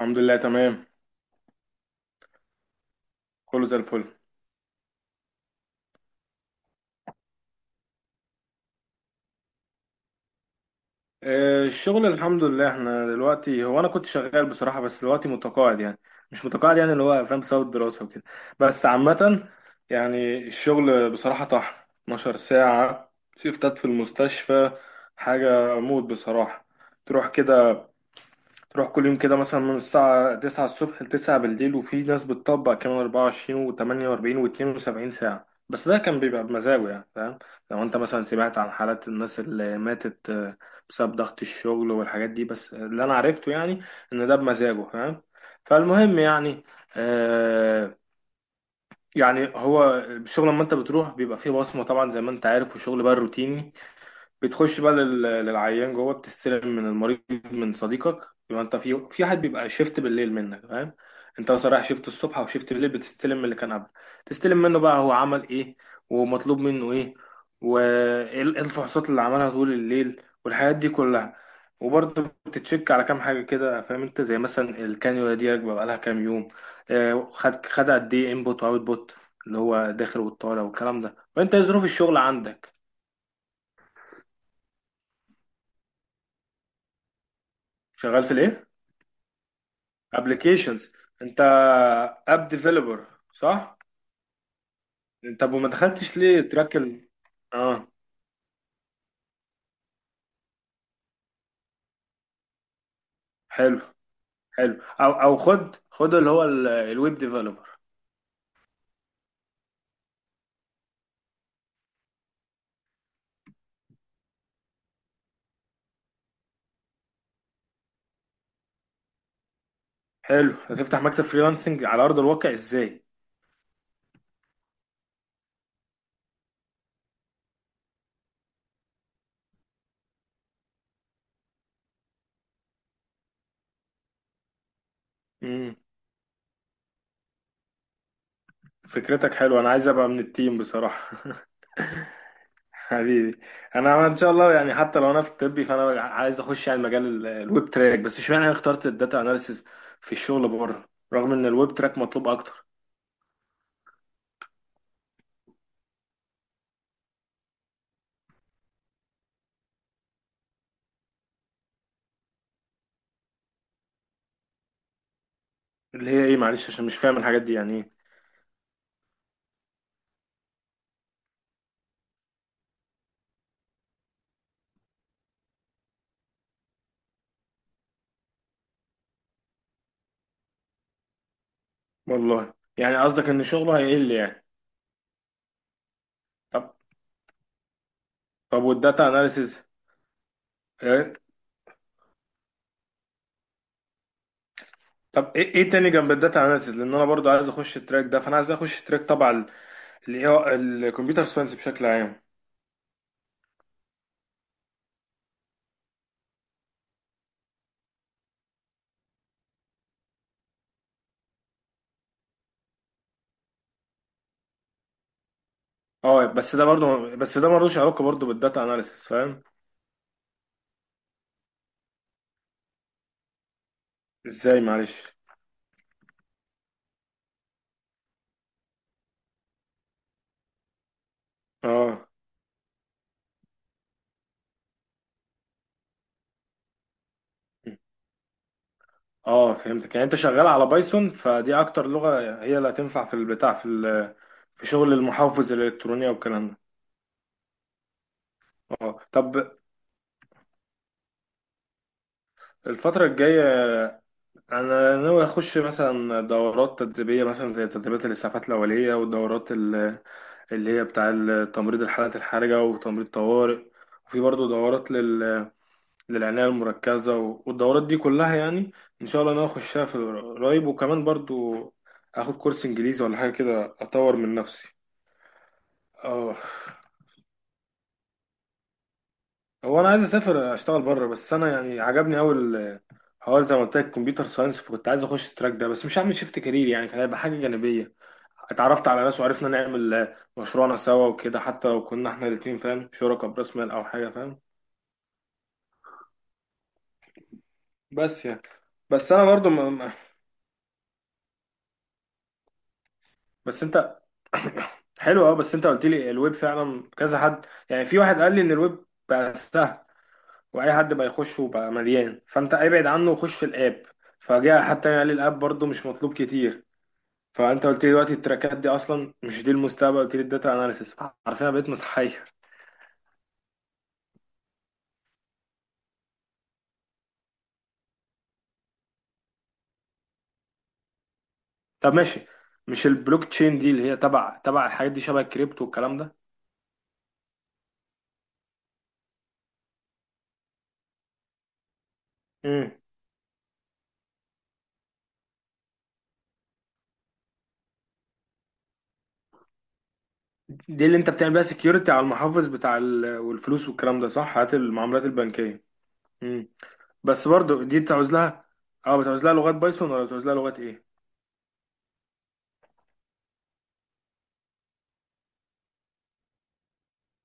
الحمد لله تمام. كله زي الفل. الشغل الحمد لله، احنا دلوقتي، هو انا كنت شغال بصراحة، بس دلوقتي متقاعد يعني. مش متقاعد يعني، اللي هو فاهم، بسبب الدراسة وكده. بس عامة يعني الشغل بصراحة طحن. 12 ساعة شيفتات في المستشفى. حاجة موت بصراحة. تروح كده، تروح كل يوم كده مثلا من الساعة 9 الصبح ل 9 بالليل، وفي ناس بتطبق كمان 24 و48 و72 ساعة. بس ده كان بيبقى بمزاجه يعني، فاهم؟ لو انت مثلا سمعت عن حالات الناس اللي ماتت، بسبب ضغط الشغل والحاجات دي. بس اللي انا عرفته يعني ان ده بمزاجه، فاهم. فالمهم يعني، آه يعني هو الشغل لما انت بتروح بيبقى فيه بصمة طبعا، زي ما انت عارف. وشغل بقى روتيني، بتخش بقى للعيان جوه، بتستلم من المريض، من صديقك. يبقى انت في حد بيبقى شيفت بالليل منك، فاهم؟ انت مثلا رايح شيفت الصبح او شيفت بالليل، بتستلم من اللي كان قبل. تستلم منه بقى هو عمل ايه، ومطلوب منه ايه، وايه إيه الفحوصات اللي عملها طول الليل والحاجات دي كلها. وبرضه بتتشك على كام حاجة كده، فاهم انت، زي مثلا الكانيولا دي راكبة بقالها كام يوم. خد خد قد ايه انبوت واوت بوت، اللي هو داخل والطالع والكلام ده. وانت إيه ظروف الشغل عندك؟ شغال في الايه؟ ابلكيشنز؟ انت اب ديفلوبر، صح؟ انت أبو، ما دخلتش ليه تراك اه؟ حلو، حلو. او خد خد اللي هو الويب ديفلوبر. حلو، هتفتح مكتب فريلانسنج على ارض الواقع ازاي؟ امم فكرتك حلوه، انا عايز ابقى من التيم بصراحه. حبيبي. انا ان شاء الله يعني، حتى لو انا في الطبي، فانا عايز اخش يعني مجال الويب تراك. بس اشمعنى انا اخترت الداتا اناليسيز في الشغل بره، رغم ان الويب تراك مطلوب اكتر. اللي هي ايه؟ معلش، عشان مش فاهم الحاجات دي يعني ايه. والله يعني، قصدك ان شغله هيقل يعني؟ طب. طب والداتا اناليسيز؟ إيه؟ طب ايه، تاني جنب الداتا اناليسيز، لان انا برضو عايز اخش التراك ده. فانا عايز اخش تراك طبعا الكمبيوتر ساينس بشكل عام. اه، بس ده ملوش علاقه برضو بالداتا اناليسيز، فاهم. ازاي؟ معلش. اه، اه، فهمتك. يعني انت شغال على بايثون، فدي اكتر لغه هي اللي هتنفع في البتاع، في في شغل المحافظ الالكترونيه والكلام ده. اه، طب. الفتره الجايه انا ناوي اخش مثلا دورات تدريبيه، مثلا زي تدريبات الاسعافات الاوليه، والدورات اللي هي بتاع تمريض الحالات الحرجه وتمريض طوارئ. وفي برضه دورات للعنايه المركزه والدورات دي كلها يعني، ان شاء الله انا اخشها في قريب. وكمان برضه اخد كورس انجليزي ولا حاجه كده، اطور من نفسي. اه. هو انا عايز اسافر اشتغل بره، بس انا يعني عجبني قوي. هو زي ما قلت لك كمبيوتر ساينس، فكنت عايز اخش التراك ده، بس مش هعمل شيفت كارير يعني، كان هيبقى حاجه جانبيه. اتعرفت على ناس وعرفنا نعمل، مشروعنا سوا وكده، حتى لو كنا احنا الاتنين فاهم، شركاء براس مال او حاجه، فاهم. بس يعني، بس انا برضو ما ما- بس انت. حلو، اه، بس انت قلت لي الويب فعلا كذا حد، يعني في واحد قال لي ان الويب بقى سهل واي حد بقى يخش، وبقى مليان، فانت ابعد عنه وخش الاب. فجاء حتى يعني قال لي الاب برضو مش مطلوب كتير. فانت قلت لي دلوقتي التراكات دي اصلا مش دي المستقبل، قلت لي الداتا اناليسيس. عارفين، انا بقيت متحير. طب، ماشي. مش البلوك تشين دي اللي هي تبع الحاجات دي، شبه الكريبتو والكلام ده؟ امم دي اللي انت بتعمل بيها سكيورتي على المحافظ بتاع والفلوس والكلام ده، صح؟ هات المعاملات البنكيه. امم بس برضو دي بتعوز لها. اه، بتعوز لها لغات بايثون ولا بتعوز لها لغات ايه؟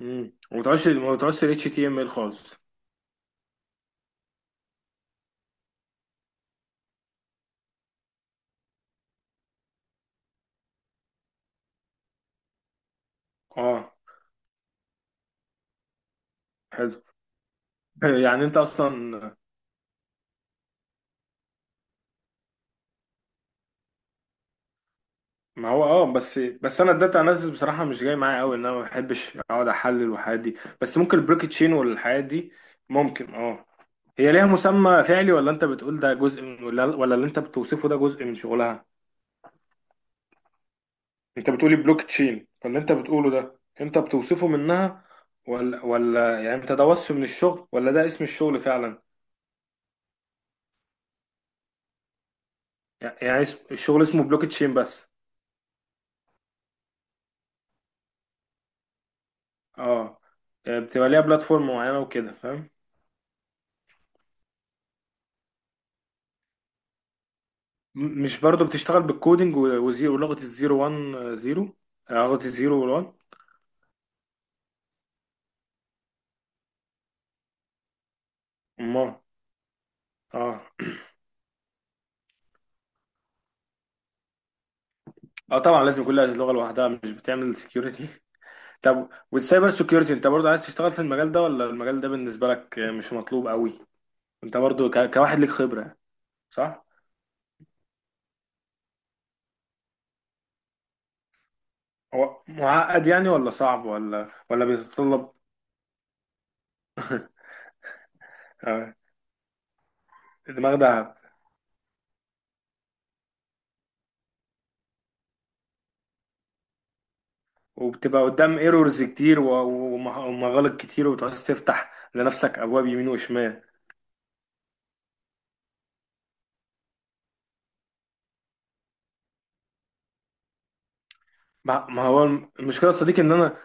وما بتعوزش، ما بتعوزش ال HTML خالص؟ اه، حلو. حلو. يعني انت اصلا. ما هو اه، بس انا الداتا اناليسيس بصراحه مش جاي معايا قوي، ان انا ما بحبش اقعد احلل والحاجات دي. بس ممكن البلوك تشين والحاجات دي ممكن. اه، هي ليها مسمى فعلي ولا انت بتقول ده جزء من؟ ولا اللي انت بتوصفه ده جزء من شغلها؟ انت بتقولي بلوك تشين، فاللي انت بتقوله ده انت بتوصفه منها ولا؟ يعني انت ده وصف من الشغل ولا ده اسم الشغل فعلا؟ يعني الشغل اسمه بلوك تشين بس؟ اه. يعني بتبقى ليها بلاتفورم معينه وكده، فاهم. مش برضو بتشتغل بالكودينج وزيرو ولغة الزيرو وان، زيرو، لغة الزيرو والوان؟ ما، اه. اه، طبعا لازم كل لغة لوحدها، مش بتعمل سكيورتي. طب، والسايبر سكيورتي انت برضو عايز تشتغل في المجال ده ولا المجال ده بالنسبة لك مش مطلوب قوي؟ انت برضو كواحد ليك خبرة، صح؟ هو معقد يعني، ولا صعب، ولا بيتطلب آه، دماغ دهب؟ وبتبقى قدام ايرورز كتير، ومغالط كتير، وبتعوز تفتح لنفسك ابواب يمين وشمال. ما هو المشكله يا صديقي ان انا،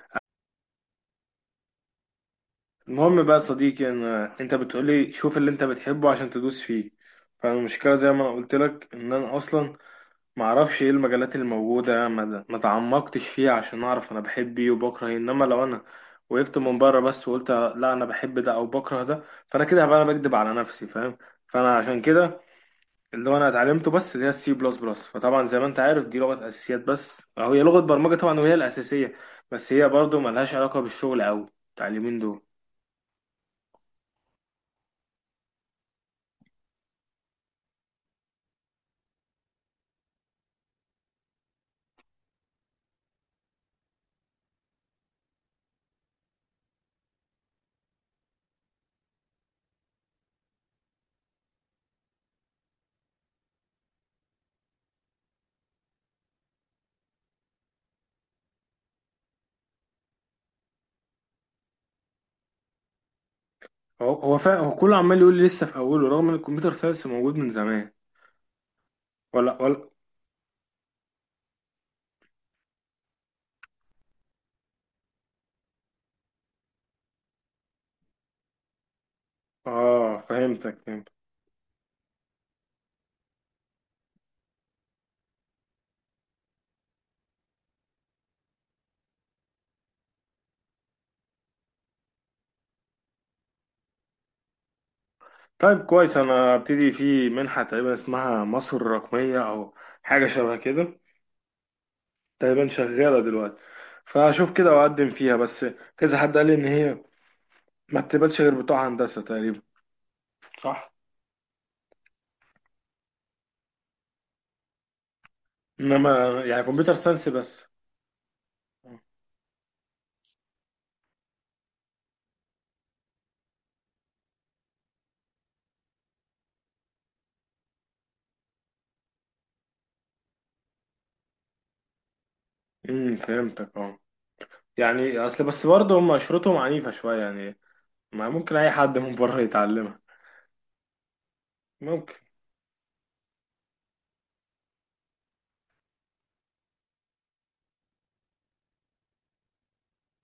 المهم بقى يا صديقي ان، انت بتقولي شوف اللي انت بتحبه عشان تدوس فيه. فالمشكله زي ما انا قلت لك، ان انا اصلا ما اعرفش ايه المجالات اللي موجوده، ما تعمقتش فيها عشان اعرف انا بحب ايه وبكره ايه. انما لو انا وقفت من بره بس وقلت لا انا بحب ده او بكره ده، فانا كده هبقى انا بكدب على نفسي، فاهم. فانا عشان كده، اللي هو انا اتعلمته بس، اللي هي السي بلس بلس، فطبعا زي ما انت عارف دي لغه اساسيات بس، أو هي لغه برمجه طبعا، وهي الاساسيه. بس هي برضو ملهاش علاقه بالشغل قوي بتاع اليومين دول. هو كله عمال يقول لي لسه في اوله، رغم ان الكمبيوتر ساينس موجود من زمان. ولا. اه، فهمتك، فهمت. طيب، كويس. انا ابتدي في منحه تقريبا اسمها مصر الرقميه، او حاجه شبه كده. تقريبا شغاله دلوقتي، فاشوف كده واقدم فيها. بس كذا حد قال لي ان هي ما بتقبلش غير بتوع هندسه تقريبا، صح؟ انما يعني كمبيوتر ساينس بس. فهمتك، اه. يعني اصل بس برضه هم شروطهم عنيفة شوية يعني. ما ممكن اي حد من بره يتعلمها؟ ممكن.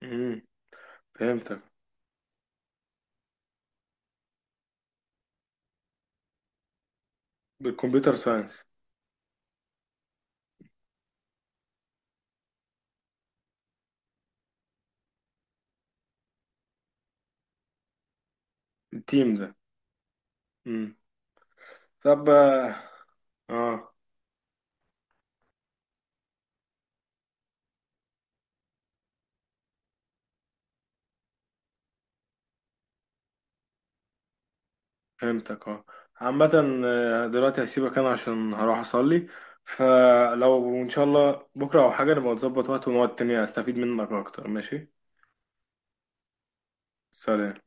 امم فهمتك. بالكمبيوتر ساينس. التيم ده. امم. طب، اه. آه، فهمتك، اه. عامة، دلوقتي هسيبك انا عشان هروح اصلي. فلو ان شاء الله بكرة او حاجة نبقى نظبط وقت ونقعد تاني استفيد منك اكتر، ماشي؟ سلام.